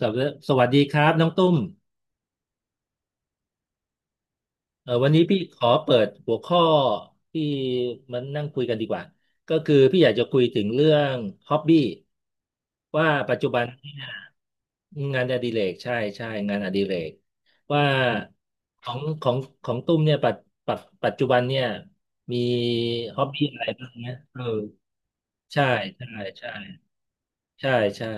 สวัสดีสวัสดีครับน้องตุ้มวันนี้พี่ขอเปิดหัวข้อที่มันนั่งคุยกันดีกว่าก็คือพี่อยากจะคุยถึงเรื่องฮ็อบบี้ว่าปัจจุบันเนี่ยงานอดิเรกใช่ใช่งานอดิเรกว่าของของของตุ้มเนี่ยปัจปัจจุบันเนี่ยมีฮ็อบบี้อะไรบ้างนะเออใช่ใช่ใช่ใช่ใช่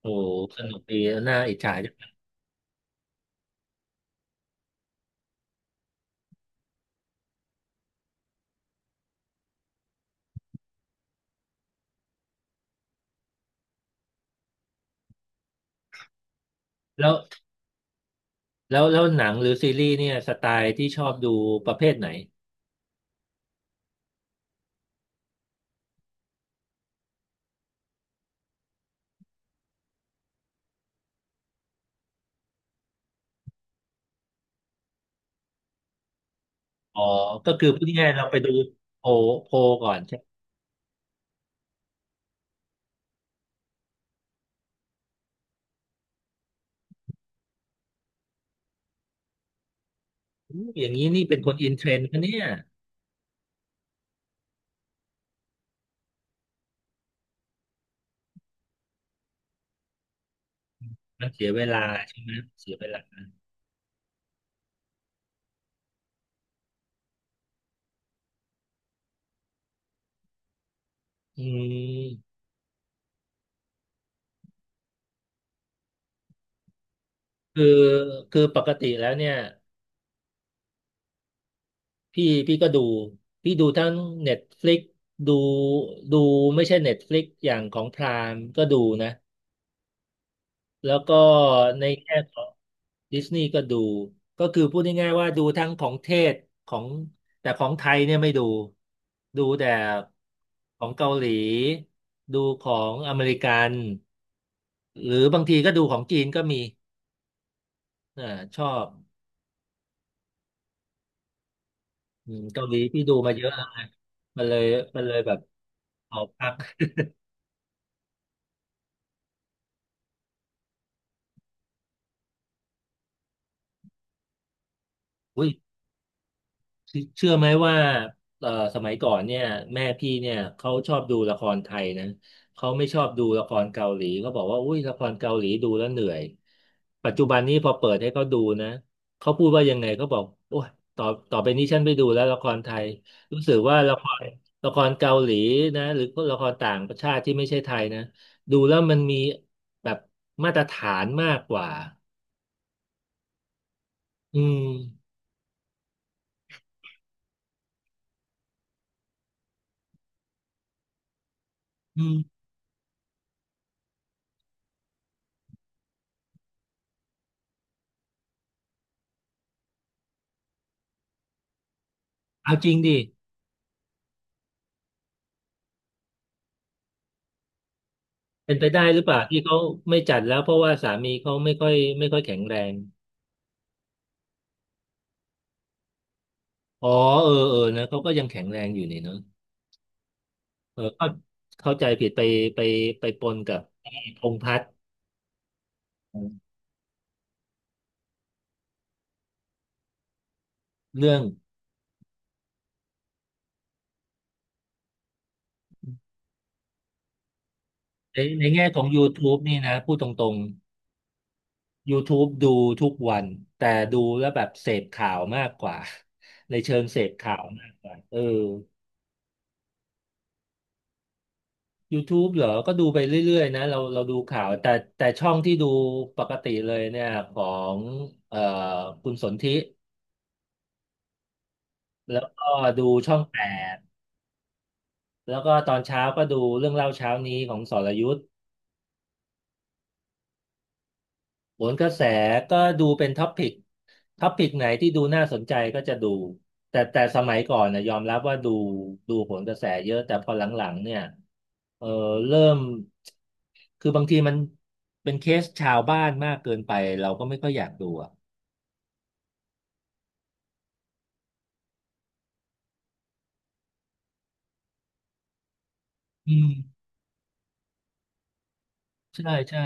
โอ้สนุกดีน่าอิจฉาจังแล้ว แล้วหนังหรือซีรีส์เนี่ยสไตล์ที่ชอบดูประเภทไหนอ๋อก็คือพูดง่ายๆเราไปดูโพลโพลก่อนใช่ไหมอมอย่างนี้นี่เป็นคนอินเทรนด์ปะเนี่ยมันเสียเวลาใช่ไหมเสียเวลาอืมคือคือปกติแล้วเนี่ยพี่ก็ดูพี่ดูทั้ง Netflix ดูดูไม่ใช่ Netflix อย่างของพรามก็ดูนะ แล้วก็ในแง่ของดิสนีย์ก็ดู ก็คือพูดง่ายๆว่าดูทั้งของเทศของแต่ของไทยเนี่ยไม่ดู ดูแต่ของเกาหลีดูของอเมริกันหรือบางทีก็ดูของจีนก็มีอ่าชอบอืมเกาหลีที่ดูมาเยอะแล้วไงมันเลยมันเลยแบบออกพัก เชื่อไหมว่าเอ่อสมัยก่อนเนี่ยแม่พี่เนี่ยเขาชอบดูละครไทยนะเขาไม่ชอบดูละครเกาหลีเขาบอกว่าอุ้ยละครเกาหลีดูแล้วเหนื่อยปัจจุบันนี้พอเปิดให้เขาดูนะเขาพูดว่ายังไงเขาบอกโอ้ยต่อต่อไปนี้ฉันไม่ดูแล้วละครไทยรู้สึกว่าละครเกาหลีนะหรือละครต่างประชาติที่ไม่ใช่ไทยนะดูแล้วมันมีแบบมาตรฐานมากกว่าอืมอืมเอาจริงดิ เป็นไปได้หรือเปล่าที่เขาไม่จัดแล้วเพราะว่าสามีเขาไม่ค่อยแข็งแรง อ๋อเออเออนะเขาก็ยังแข็งแรงอยู่นี่เนาะเออก็เข้าใจผิดไปไปปนกับไอ้พงษ์พัฒน์เรื่องในแง่ของ YouTube นี่นะพูดตรงๆ YouTube ดูทุกวันแต่ดูแล้วแบบเสพข่าวมากกว่าในเชิงเสพข่าวมากกว่าเออ YouTube เหรอ ก็ดูไปเรื่อยๆนะเราดูข่าวแต่ช่องที่ดูปกติเลยเนี่ยของเอ่อคุณสนธิแล้วก็ดูช่องแปดแล้วก็ตอนเช้าก็ดูเรื่องเล่าเช้านี้ของสรยุทธ์โหนกระแสก็ดูเป็นท็อปิกไหนที่ดูน่าสนใจก็จะดูแต่สมัยก่อนนะยอมรับว่าดูโหนกระแสเยอะแต่พอหลังๆเนี่ยเออเริ่มคือบางทีมันเป็นเคสชาวบ้านมากเกินไปเราก็ไม่ค่อยอยากดูอะ อืมใช่ใช่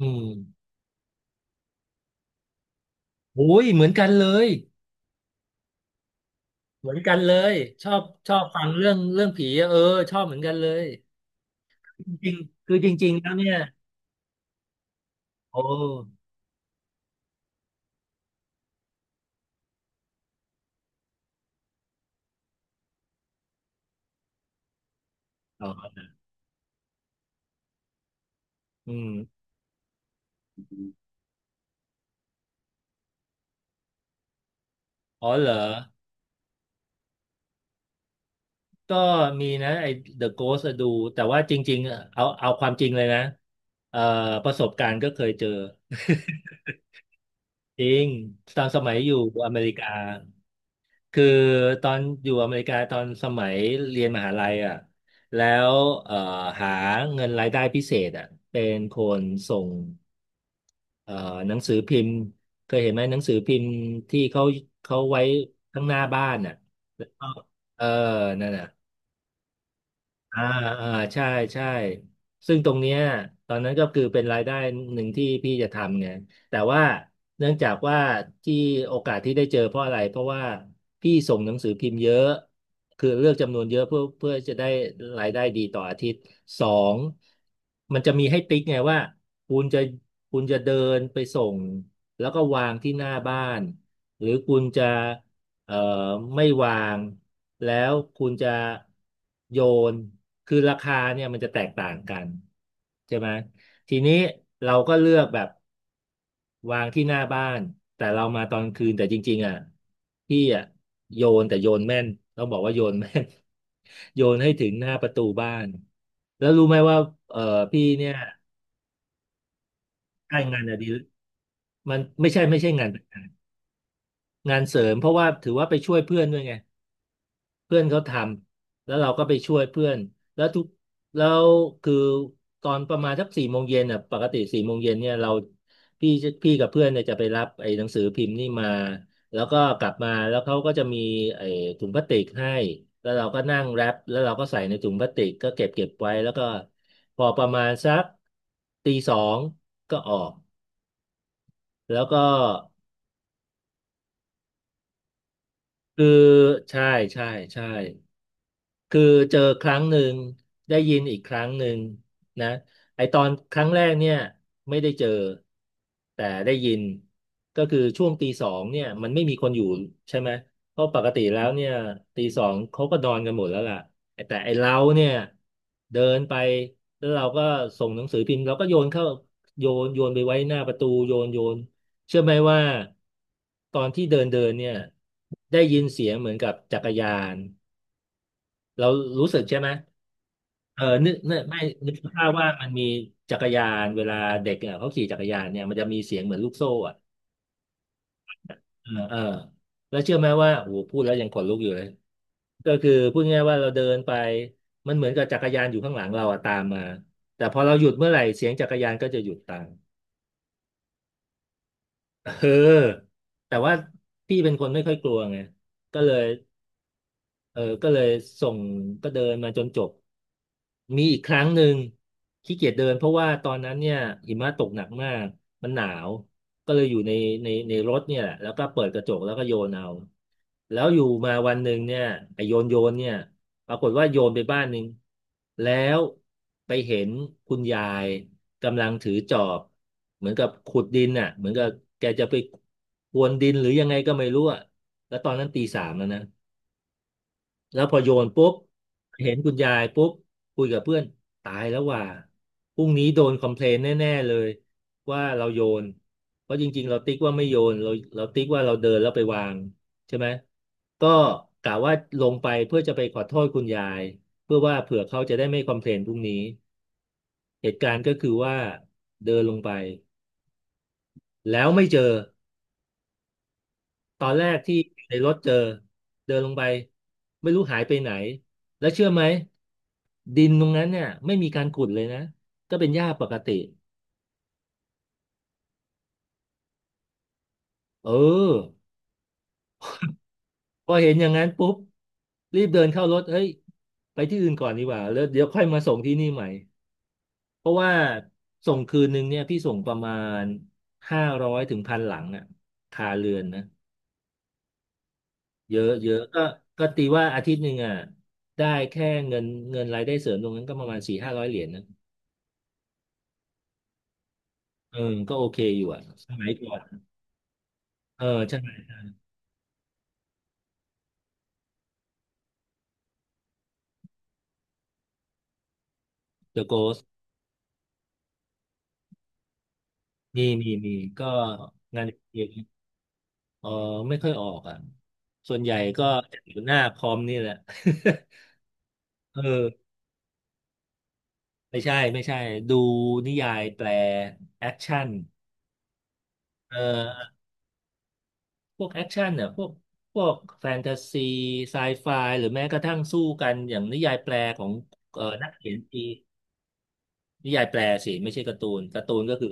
อืมโอ้ยเหมือนกันเลยเหมือนกันเลยชอบชอบฟังเรื่องผีอะเออชอบเหมือนกันเลยจริงๆคือจริงๆแล้วเนี่ยโอ้อ๋ออืมอ๋อเหรอก็มีนะไอ้ The Ghost อะดูแต่ว่าจริงๆอะเอาความจริงเลยนะเอ่อประสบการณ์ก็เคยเจอ จริงตอนสมัยอยู่อเมริกา คือตอนอยู่อเมริกาตอนสมัยเรียนมหาลัยอ่ะแล้วเอ่อหาเงินรายได้พิเศษอ่ะเป็นคนส่งเอ่อหนังสือพิมพ์เคยเห็นไหมหนังสือพิมพ์ที่เขาไว้ข้างหน้าบ้านอ่ะแล้วก็เออนั่นน่ะ อ่าอ่าใช่ใช่ซึ่งตรงเนี้ยตอนนั้นก็คือเป็นรายได้หนึ่งที่พี่จะทำไงแต่ว่าเนื่องจากว่าที่โอกาสที่ได้เจอเพราะอะไรเพราะว่าพี่ส่งหนังสือพิมพ์เยอะคือเลือกจำนวนเยอะเพื่อจะได้รายได้ดีต่ออาทิตย์สองมันจะมีให้ติ๊กไงว่าคุณจะคุณจะเดินไปส่งแล้วก็วางที่หน้าบ้านหรือคุณจะ เอ่อไม่วางแล้วคุณจะโยนคือราคาเนี่ยมันจะแตกต่างกันใช่ไหมทีนี้เราก็เลือกแบบวางที่หน้าบ้านแต่เรามาตอนคืนแต่จริงๆอ่ะพี่อ่ะโยนแต่โยนแม่นต้องบอกว่าโยนแม่น โยนให้ถึงหน้าประตูบ้านแล้วรู้ไหมว่าเอ่อพี่เนี่ยได้งานอดิเรกมันไม่ใช่งานประจำงานเสริมเพราะว่าถือว่าไปช่วยเพื่อนด้วยไง เพื่อนเขาทำแล้วเราก็ไปช่วยเพื่อนแล้วแล้วคือตอนประมาณสักสี่โมงเย็นอ่ะปกติสี่โมงเย็นเนี่ยเราพี่พี่กับเพื่อนเนี่ยจะไปรับไอ้หนังสือพิมพ์นี่มาแล้วก็กลับมาแล้วเขาก็จะมีไอ้ถุงพลาสติกให้แล้วเราก็นั่งแรปแล้วเราก็ใส่ในถุงพลาสติกก็เก็บไว้แล้วก็พอประมาณสักตีสองก็ออกแล้วก็คือใช่ใช่ใช่ คือเจอครั้งหนึ่งได้ยินอีกครั้งหนึ่งนะไอตอนครั้งแรกเนี่ยไม่ได้เจอแต่ได้ยินก็คือช่วงตีสองเนี่ยมันไม่มีคนอยู่ใช่ไหมเพราะปกติแล้วเนี่ยตีสองเขาก็นอนกันหมดแล้วล่ะแต่ไอเราเนี่ยเดินไปแล้วเราก็ส่งหนังสือพิมพ์เราก็โยนเข้าโยนโยนไปไว้หน้าประตูโยนโยนเชื่อไหมว่าตอนที่เดินเดินเนี่ยได้ยินเสียงเหมือนกับจักรยาน เรารู้สึกใช่ไหมเออนึกไม่นึกภาพว่ามันมีจักรยาน เวลาเด็กเนี่ยเขาขี่จักรยานเนี่ยมันจะมีเสียงเหมือนลูกโซ่อ่ะเออเออแล้วเชื่อไหมว่าโอ้โหพูดแล้วยังขนลุกอยู่เลยก็คือพูดง่ายๆว่าเราเดินไปมันเหมือนกับจักรยานอยู่ข้างหลังเราอะตามมา แต่พอเราหยุดเมื่อไหร่เสียงจักรยานก็จะหยุดตามเออแต่ว่าพี่เป็นคนไม่ค่อยกลัวไงก็เลย เออก็เลยส่งก็เดินมาจนจบมีอีกครั้งหนึ่งขี้เกียจเดินเพราะว่าตอนนั้นเนี่ยหิมะตกหนักมากมันหนาวก็เลยอยู่ในในรถเนี่ยแหละแล้วก็เปิดกระจกแล้วก็โยนเอาแล้วอยู่มาวันหนึ่งเนี่ยไอโยนโยนเนี่ยปรากฏว่าโยนไปบ้านหนึ่งแล้วไปเห็นคุณยายกำลังถือจอบเหมือนกับขุดดินน่ะเหมือนกับแกจะไปพรวนดินหรือยังไงก็ไม่รู้อะแล้วตอนนั้นตีสามแล้วนะ แล้วพอโยนปุ๊บเห็นคุณยายปุ๊บคุยกับเพื่อนตายแล้วว่าพรุ่งนี้โดนคอมเพลนแน่ๆเลยว่าเราโยนเพราะจริงๆเราติ๊กว่าไม่โยนเราเราติ๊กว่าเราเดินแล้วไปวางใช่ไหมก็กะว่าลงไปเพื่อจะไปขอโทษคุณยายเพื่อว่าเผื่อเขาจะได้ไม่คอมเพลนพรุ่งนี้เหตุการณ์ก็คือว่าเดินลงไปแล้วไม่เจอ ตอนแรกที่อยู่ในรถเจอเดินลงไปไม่รู้หายไปไหนแล้วเชื่อไหมดินตรงนั้นเนี่ยไม่มีการขุดเลยนะก็เป็นหญ้าปกติเออพอเห็นอย่างนั้นปุ๊บรีบเดินเข้ารถเฮ้ยไปที่อื่นก่อนดีกว่าแล้วเดี๋ยวค่อยมาส่งที่นี่ใหม่เพราะว่าส่งคืนหนึ่งเนี่ยพี่ส่งประมาณห้าร้อยถึงพันหลังอ่ะคาเรือนนะเยอะเยอะก็ตีว่าอาทิตย์หนึ่งอ่ะได้แค่เงินเงินรายได้เสริมตรงนั้นก็ประมาณสี่ห้าร้อยเหรียญนะ เออก็โอเคอยู่อ่ะสมัยก่อนเออใช่ The Ghost มีมีก็งานเองเออไม่ค่อยออกอ่ะ ส่วนใหญ่ก็จะอยู่หน้าคอมนี่แหละ เออไม่ใช่ ดูนิยายแปลแอคชั่นเอ่อพวกแอคชั่นเนี่ยพวกแฟนตาซีไซไฟหรือแม้กระทั่งสู้กันอย่างนิยายแปลของนักเขียนจีนนิยายแปลสิ ไม่ใช่การ์ตูนการ์ตูนก็คือ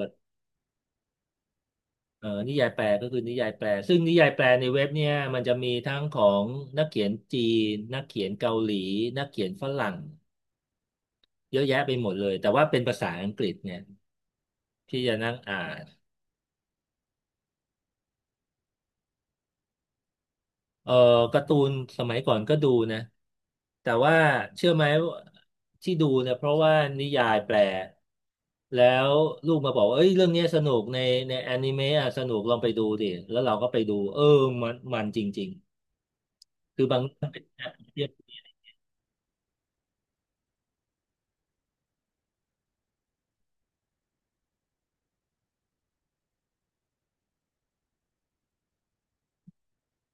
นิยายแปลก็คือนิยายแปลซึ่งนิยายแปลในเว็บเนี่ยมันจะมีทั้งของนักเขียนจีนนักเขียนเกาหลีนักเขียนฝรั่งเยอะแยะไปหมดเลยแต่ว่าเป็นภาษาอังกฤษเนี่ยที่จะนั่งอ่านเออการ์ตูนสมัยก่อนก็ดูนะแต่ว่าเชื่อไหมว่าที่ดูเนี่ยเพราะว่านิยายแปลแล้วลูกมาบอกว่าเอ้ยเรื่องเนี้ยสนุกในแอนิเมะอะสนุกลองไปดูดิแล้วเราก็ไปดูเออมันจริงๆคือบาง เป็น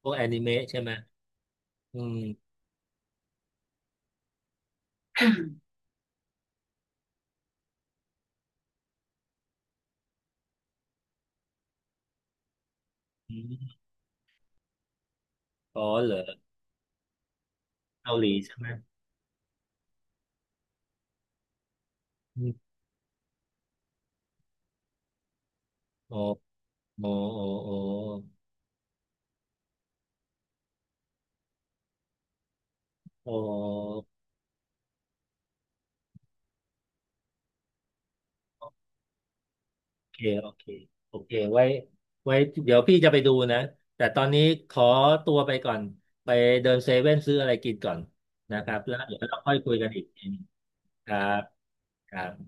พวกแอนิเมะใช่ไหม อืมอมอ๋อเหรอเกาหลีใช่ไหมอืมอ๋ออ๋ออ๋ออ๋ออ๋อโอเคโอเคไว้เดี๋ยวพี่จะไปดูนะแต่ตอนนี้ขอตัวไปก่อนไปเดินเซเว่นซื้ออะไรกินก่อนนะครับแล้วเดี๋ยวเราค่อยคุยกันอีกทีหนึ่งครับครับ